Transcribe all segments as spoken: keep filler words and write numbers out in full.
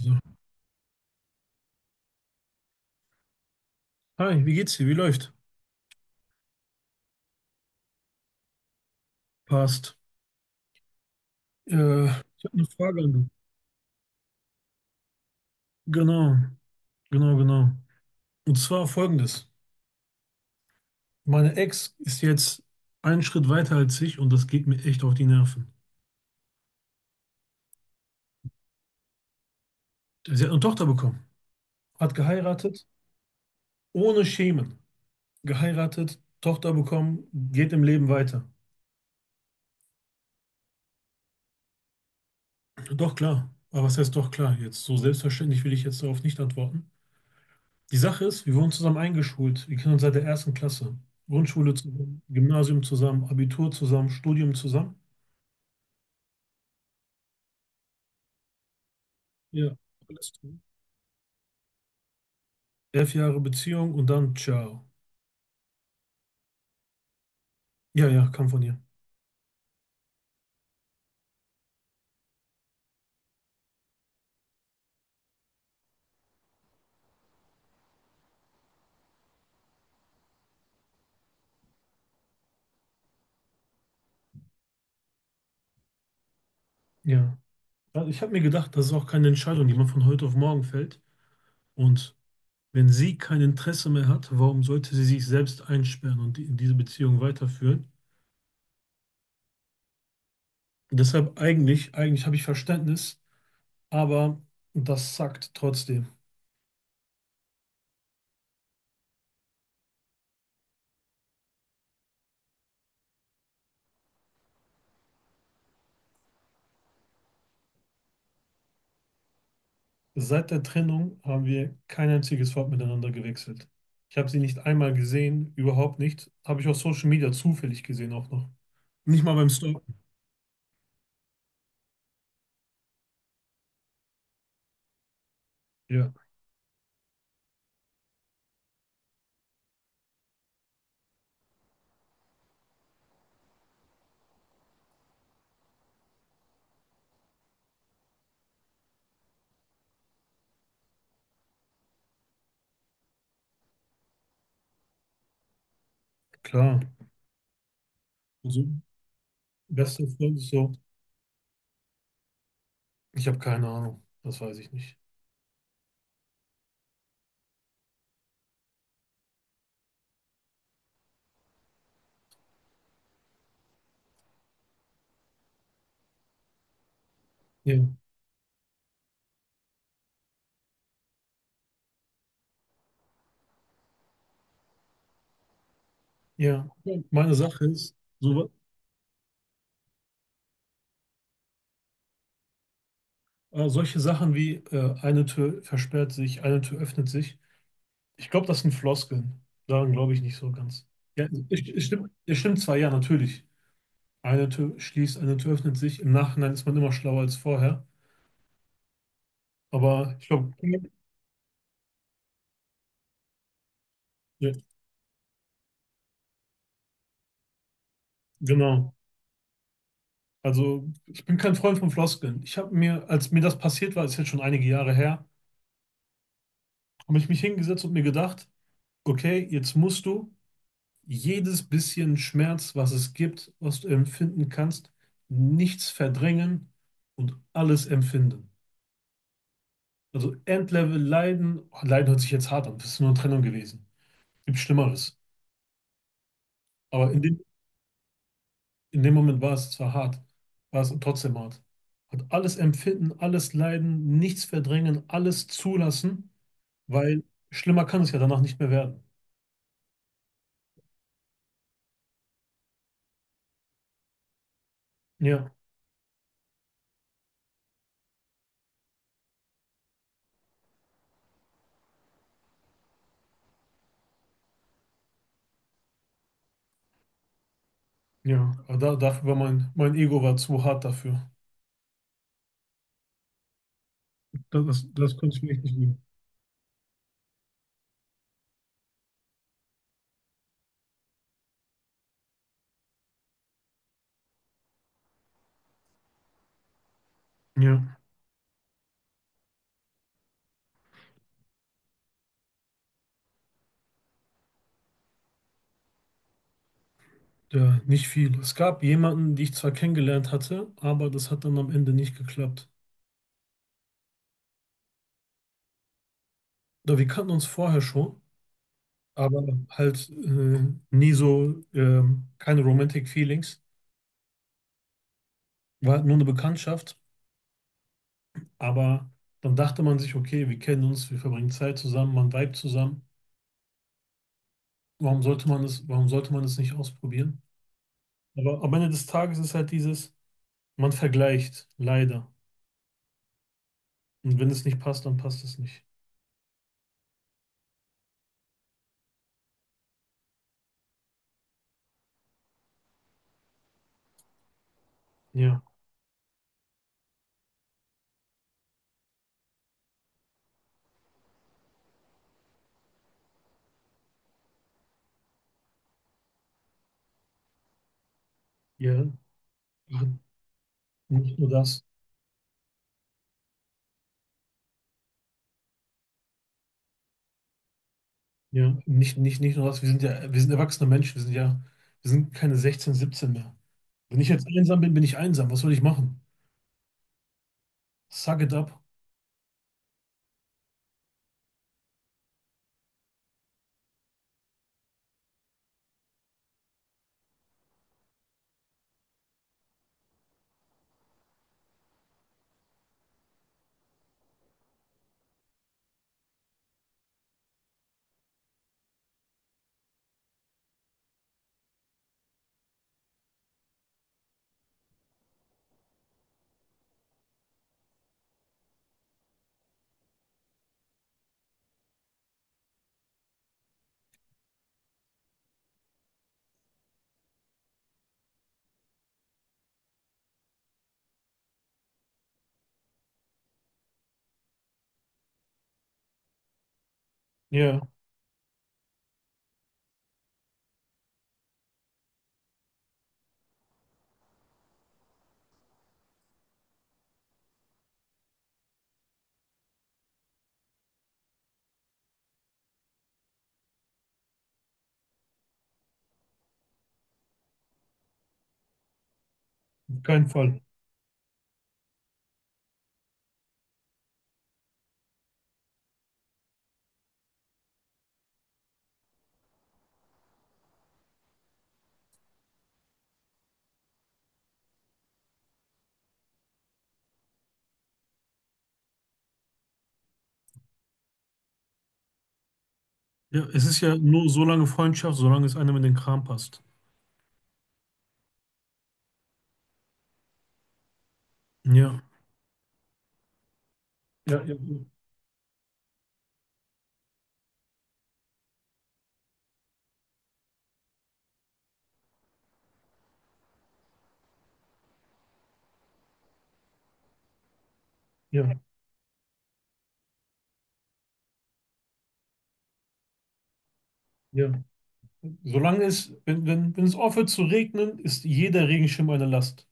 So. Hi, wie geht's dir? Wie läuft? Passt. Äh, ich habe eine Frage an dich. Genau, genau, genau. Und zwar folgendes. Meine Ex ist jetzt einen Schritt weiter als ich und das geht mir echt auf die Nerven. Sie hat eine Tochter bekommen, hat geheiratet, ohne Schemen. Geheiratet, Tochter bekommen, geht im Leben weiter. Doch klar. Aber was heißt doch klar jetzt? So selbstverständlich will ich jetzt darauf nicht antworten. Die Sache ist, wir wurden zusammen eingeschult. Wir kennen uns seit der ersten Klasse. Grundschule zusammen, Gymnasium zusammen, Abitur zusammen, Studium zusammen. Ja. Alles klar. Elf Jahre Beziehung und dann ciao. Ja, ja, kam von ihr. Ja. Also ich habe mir gedacht, das ist auch keine Entscheidung, die man von heute auf morgen fällt. Und wenn sie kein Interesse mehr hat, warum sollte sie sich selbst einsperren und die, diese Beziehung weiterführen? Deshalb eigentlich, eigentlich habe ich Verständnis, aber das sackt trotzdem. Seit der Trennung haben wir kein einziges Wort miteinander gewechselt. Ich habe sie nicht einmal gesehen, überhaupt nicht. Habe ich auf Social Media zufällig gesehen auch noch. Nicht mal beim Stalken. Ja, klar. Also, bester Freund ist so, ich habe keine Ahnung, das weiß ich nicht. Ja, ja. Meine Sache ist, so, äh, solche Sachen wie äh, eine Tür versperrt sich, eine Tür öffnet sich. Ich glaube, das sind Floskeln. Daran glaube ich nicht so ganz. Ja, es, es stimmt, es stimmt zwar, ja, natürlich. Eine Tür schließt, eine Tür öffnet sich. Im Nachhinein ist man immer schlauer als vorher. Aber ich glaube, ja, genau. Also ich bin kein Freund von Floskeln. Ich habe mir, als mir das passiert war, ist jetzt schon einige Jahre her, habe ich mich hingesetzt und mir gedacht, okay, jetzt musst du jedes bisschen Schmerz, was es gibt, was du empfinden kannst, nichts verdrängen und alles empfinden. Also Endlevel Leiden, oh, Leiden hört sich jetzt hart an, das ist nur eine Trennung gewesen. Gibt Schlimmeres. Aber in dem In dem Moment war es zwar hart, war es trotzdem hart. Hat alles empfinden, alles leiden, nichts verdrängen, alles zulassen, weil schlimmer kann es ja danach nicht mehr werden. Ja, ja. Aber da, dafür war mein, mein Ego war zu hart dafür. Das, das, das konnte ich mir echt nicht lieben. Ja, ja, nicht viel. Es gab jemanden, die ich zwar kennengelernt hatte, aber das hat dann am Ende nicht geklappt. Oder wir kannten uns vorher schon, aber halt äh, nie so, ähm, keine Romantic Feelings. War halt nur eine Bekanntschaft. Aber dann dachte man sich, okay, wir kennen uns, wir verbringen Zeit zusammen, man vibet zusammen. Warum sollte man es, warum sollte man es nicht ausprobieren? Aber am Ende des Tages ist halt dieses, man vergleicht, leider. Und wenn es nicht passt, dann passt es nicht. Ja, ja, ja, nicht nur das. Ja, nicht, nicht, nicht nur das. Wir sind ja, wir sind erwachsene Menschen, wir sind ja, wir sind keine sechzehn, siebzehn mehr. Wenn ich jetzt einsam bin, bin ich einsam. Was soll ich machen? Suck it up. Ja, auf keinen Fall. Ja, es ist ja nur so lange Freundschaft, solange es einem in den Kram passt. Ja. Ja, ja, ja, ja. Solange es, wenn, wenn, wenn es aufhört zu regnen, ist jeder Regenschirm eine Last.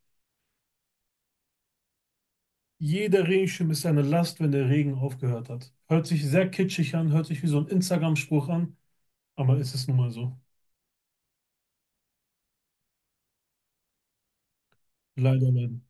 Jeder Regenschirm ist eine Last, wenn der Regen aufgehört hat. Hört sich sehr kitschig an, hört sich wie so ein Instagram-Spruch an, aber es ist nun mal so. Leider, leider.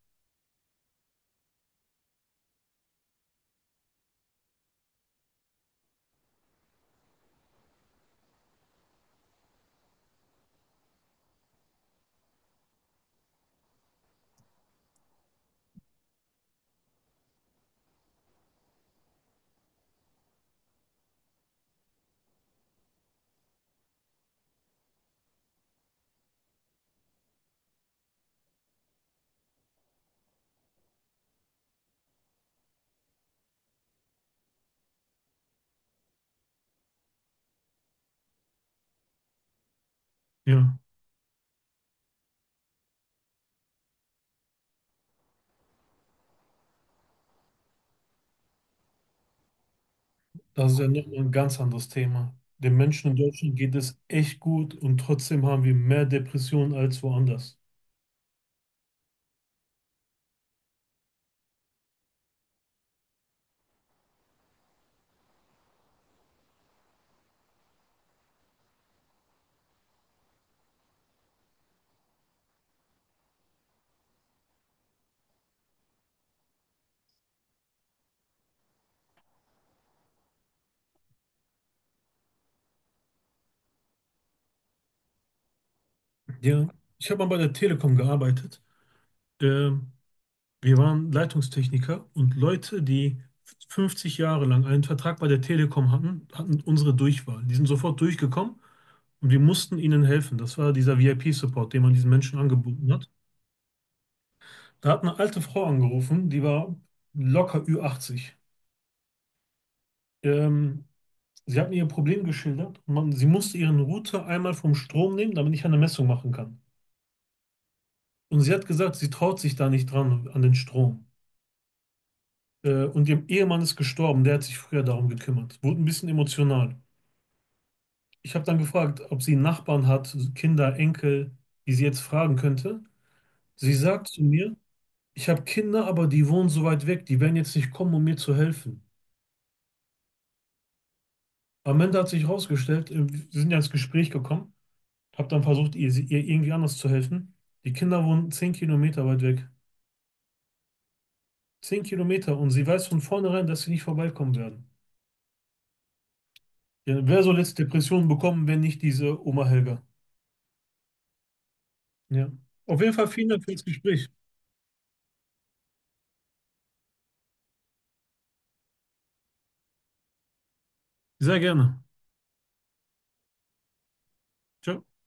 Ja, das ist ja nochmal ein ganz anderes Thema. Den Menschen in Deutschland geht es echt gut und trotzdem haben wir mehr Depressionen als woanders. Ja, ich habe mal bei der Telekom gearbeitet. Ähm, Wir waren Leitungstechniker und Leute, die 50 Jahre lang einen Vertrag bei der Telekom hatten, hatten unsere Durchwahl. Die sind sofort durchgekommen und wir mussten ihnen helfen. Das war dieser V I P-Support, den man diesen Menschen angeboten hat. Da hat eine alte Frau angerufen, die war locker ü achtzig. Ähm, Sie hat mir ihr Problem geschildert. Man, sie musste ihren Router einmal vom Strom nehmen, damit ich eine Messung machen kann. Und sie hat gesagt, sie traut sich da nicht dran, an den Strom. Äh, und ihr Ehemann ist gestorben, der hat sich früher darum gekümmert. Wurde ein bisschen emotional. Ich habe dann gefragt, ob sie einen Nachbarn hat, so Kinder, Enkel, die sie jetzt fragen könnte. Sie sagt zu mir, ich habe Kinder, aber die wohnen so weit weg, die werden jetzt nicht kommen, um mir zu helfen. Am Ende hat sich herausgestellt, äh, wir sind ja ins Gespräch gekommen, habe dann versucht, ihr, sie- ihr irgendwie anders zu helfen. Die Kinder wohnen zehn Kilometer weit weg. Zehn Kilometer und sie weiß von vornherein, dass sie nicht vorbeikommen werden. Ja, wer soll jetzt Depressionen bekommen, wenn nicht diese Oma Helga? Ja. Auf jeden Fall vielen Dank für das Gespräch. Sehr gerne. Ciao.